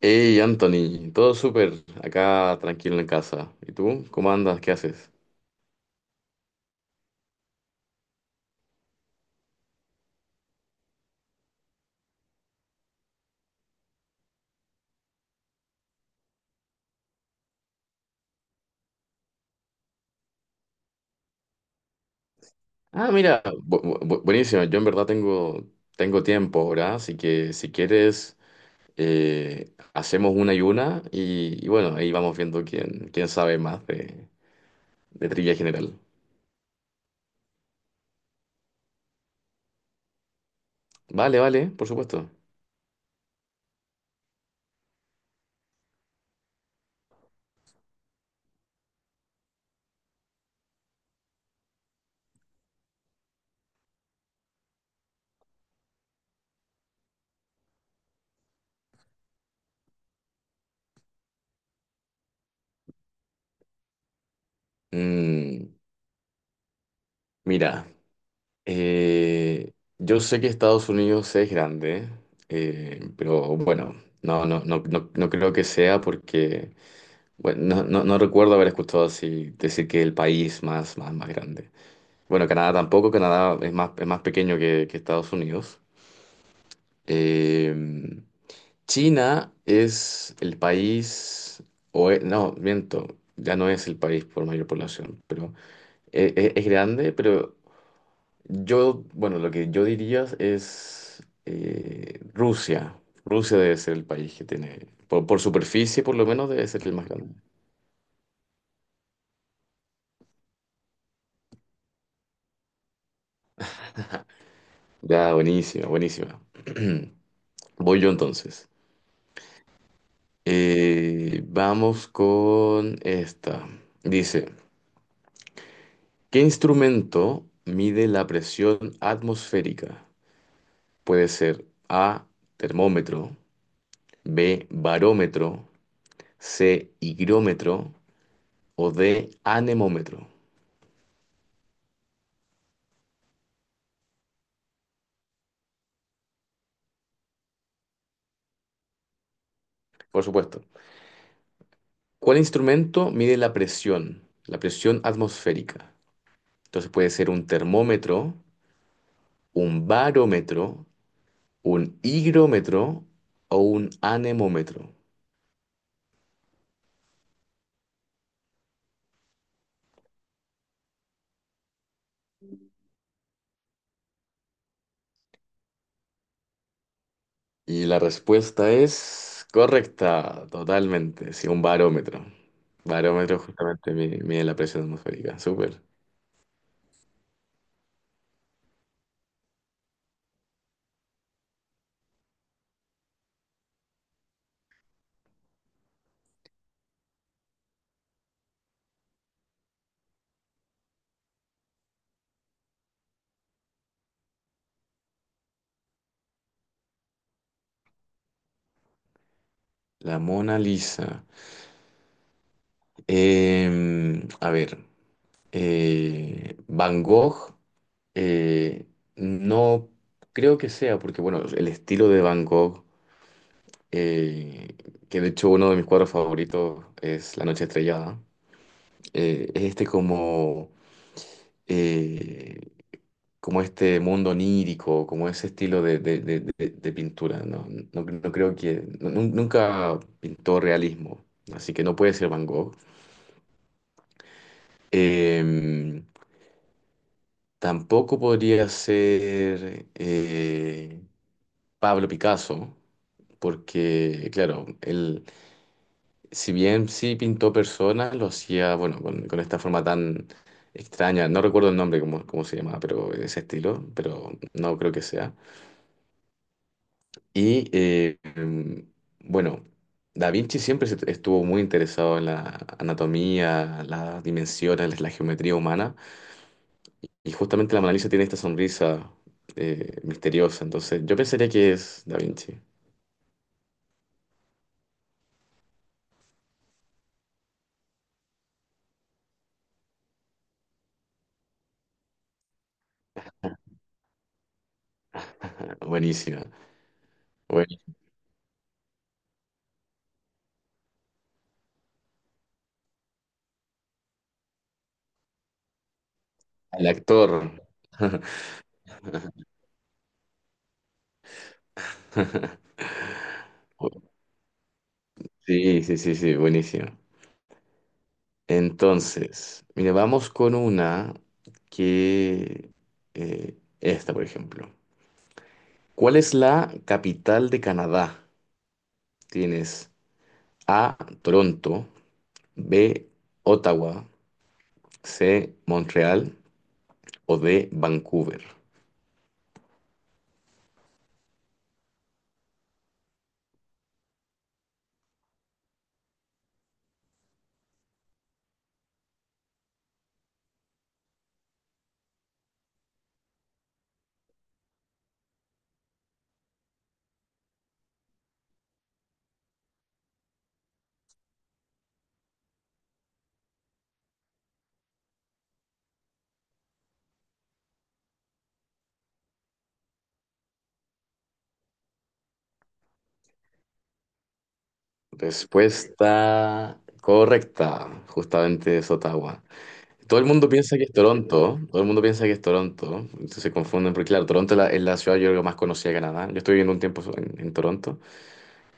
Hey Anthony, todo súper, acá tranquilo en casa. ¿Y tú? ¿Cómo andas? ¿Qué haces? Ah, mira, buenísimo. Yo en verdad tengo tiempo ahora, así que si quieres, hacemos una y una y bueno, ahí vamos viendo quién sabe más de trivia general. Vale, vale, por supuesto. Mm, mira, eh, yo sé que Estados Unidos es grande, pero bueno, no, no, no, no, no creo que sea porque... Bueno, no, no, no recuerdo haber escuchado así decir que el país más grande. Bueno, Canadá tampoco, Canadá es más pequeño que Estados Unidos. Eh, China es el país, no, miento, ya no es el país por mayor población. Es grande, pero yo, bueno, lo que yo diría es Rusia. Rusia debe ser el país que tiene, por superficie por lo menos, debe ser el más grande. Ya, buenísima, buenísima. Voy yo entonces. Vamos con esta. Dice, ¿qué instrumento mide la presión atmosférica? Puede ser A, termómetro, B, barómetro, C, higrómetro o D, anemómetro. Por supuesto. ¿Cuál instrumento mide la presión? La presión atmosférica. Entonces puede ser un termómetro, un barómetro, un higrómetro o un anemómetro. Y la respuesta es correcta, totalmente. Sí, un barómetro. Barómetro justamente mide la presión atmosférica. Súper. La Mona Lisa. Em, a ver. Eh, Van Gogh. eh, no creo que sea, porque bueno, el estilo de Van Gogh, eh, que de hecho uno de mis cuadros favoritos es La Noche Estrellada, es este como... eh, como este mundo onírico, como ese estilo de pintura. No, no, no creo que... nunca pintó realismo, así que no puede ser Van Gogh. Eh, Tampoco podría ser Pablo Picasso, porque, claro, él, si bien sí pintó personas, lo hacía, bueno, con esta forma tan extraña, no recuerdo el nombre, cómo se llamaba, pero ese estilo, pero no creo que sea. Y bueno, Da Vinci siempre estuvo muy interesado en la anatomía, las dimensiones, la geometría humana. Y justamente la Mona Lisa tiene esta sonrisa misteriosa. Entonces, yo pensaría que es Da Vinci. Buenísima. Bueno, el actor. Sí, sí, sí, sí, buenísimo. Entonces, mire, vamos con una que esta, por ejemplo. ¿Cuál es la capital de Canadá? Tienes A, Toronto, B, Ottawa, C, Montreal o D, Vancouver. Respuesta correcta, justamente es Ottawa. Todo el mundo piensa que es Toronto, todo el mundo piensa que es Toronto, entonces se confunden, porque claro, Toronto es la ciudad yo creo más conocida de Canadá. Yo estuve viviendo un tiempo en Toronto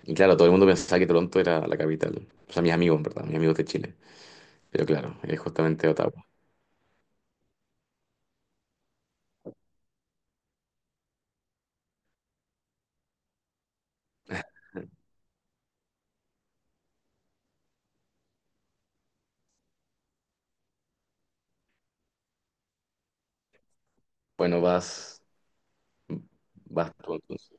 y claro, todo el mundo pensaba que Toronto era la capital. O sea, mis amigos, en verdad, mis amigos de Chile, pero claro, es justamente Ottawa. Bueno, vas Vas tú, entonces.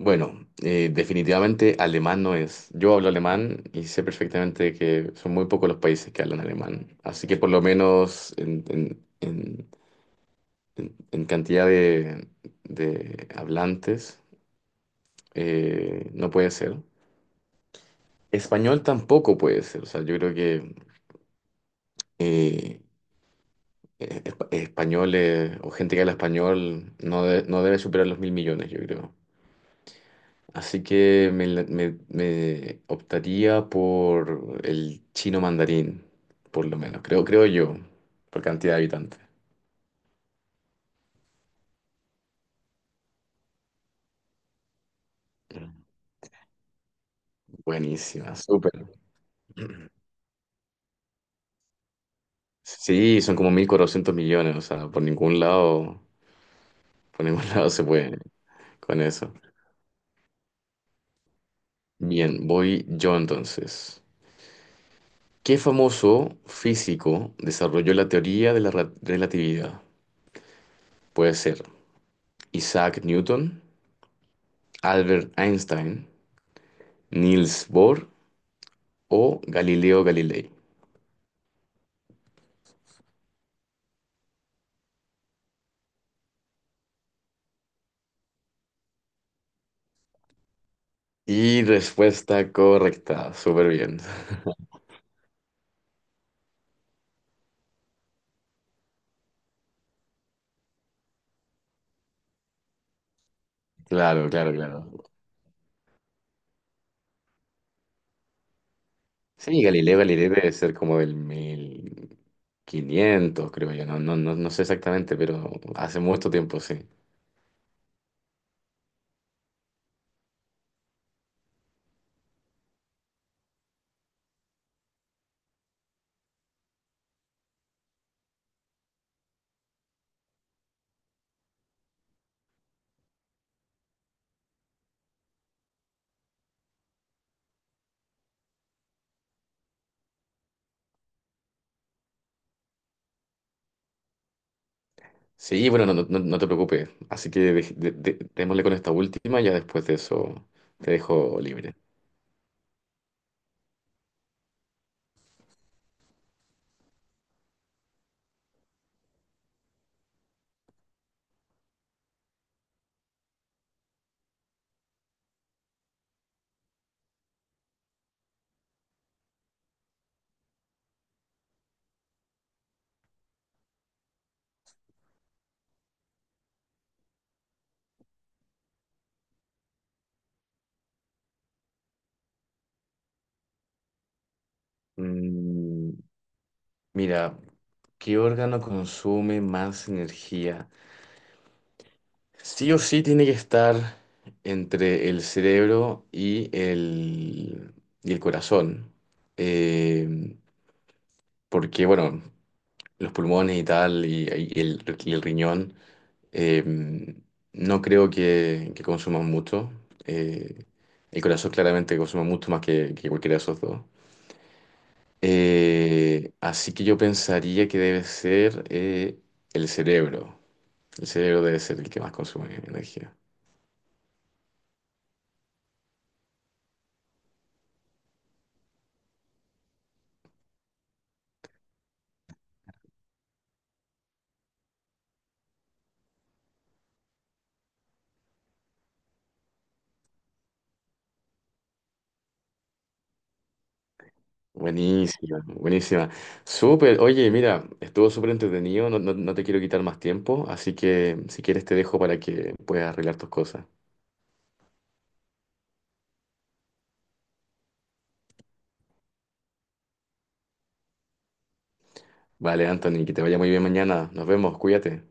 Bueno, definitivamente alemán no es. Yo hablo alemán y sé perfectamente que son muy pocos los países que hablan alemán. Así que por lo menos en cantidad de hablantes no puede ser. Español tampoco puede ser. O sea, yo creo que eh, españoles o gente que habla español no, no debe superar los 1.000 millones, yo creo. Así que me optaría por el chino mandarín, por lo menos, creo yo, por cantidad de habitantes. Buenísima, súper. Sí, son como 1.400 millones, o sea, por ningún lado, por ningún lado se puede con eso. Bien, voy yo entonces. ¿Qué famoso físico desarrolló la teoría de la relatividad? Puede ser Isaac Newton, Albert Einstein, Niels Bohr o Galileo Galilei. Y respuesta correcta, súper bien. Claro, claro, claro. Sí, Galileo Galilei debe ser como del 1500 creo yo. No, no, no, no sé exactamente, pero hace mucho tiempo, sí. Sí, bueno, no, no, no te preocupes. Así que démosle con esta última, ya después de eso te dejo libre. Mm, mira, ¿qué órgano consume más energía? Sí o sí tiene que estar entre el cerebro y el corazón. Eh, Porque, bueno, los pulmones y tal, y el riñón, eh, no creo que consuman mucho. Eh, el corazón claramente consume mucho más que cualquiera de esos dos. Así que yo pensaría que debe ser el cerebro. El cerebro debe ser el que más consume energía. Buenísima, buenísima. Súper, oye, mira, estuvo súper entretenido, no, no, no te quiero quitar más tiempo, así que si quieres te dejo para que puedas arreglar tus cosas. Vale, Anthony, que te vaya muy bien mañana. Nos vemos, cuídate.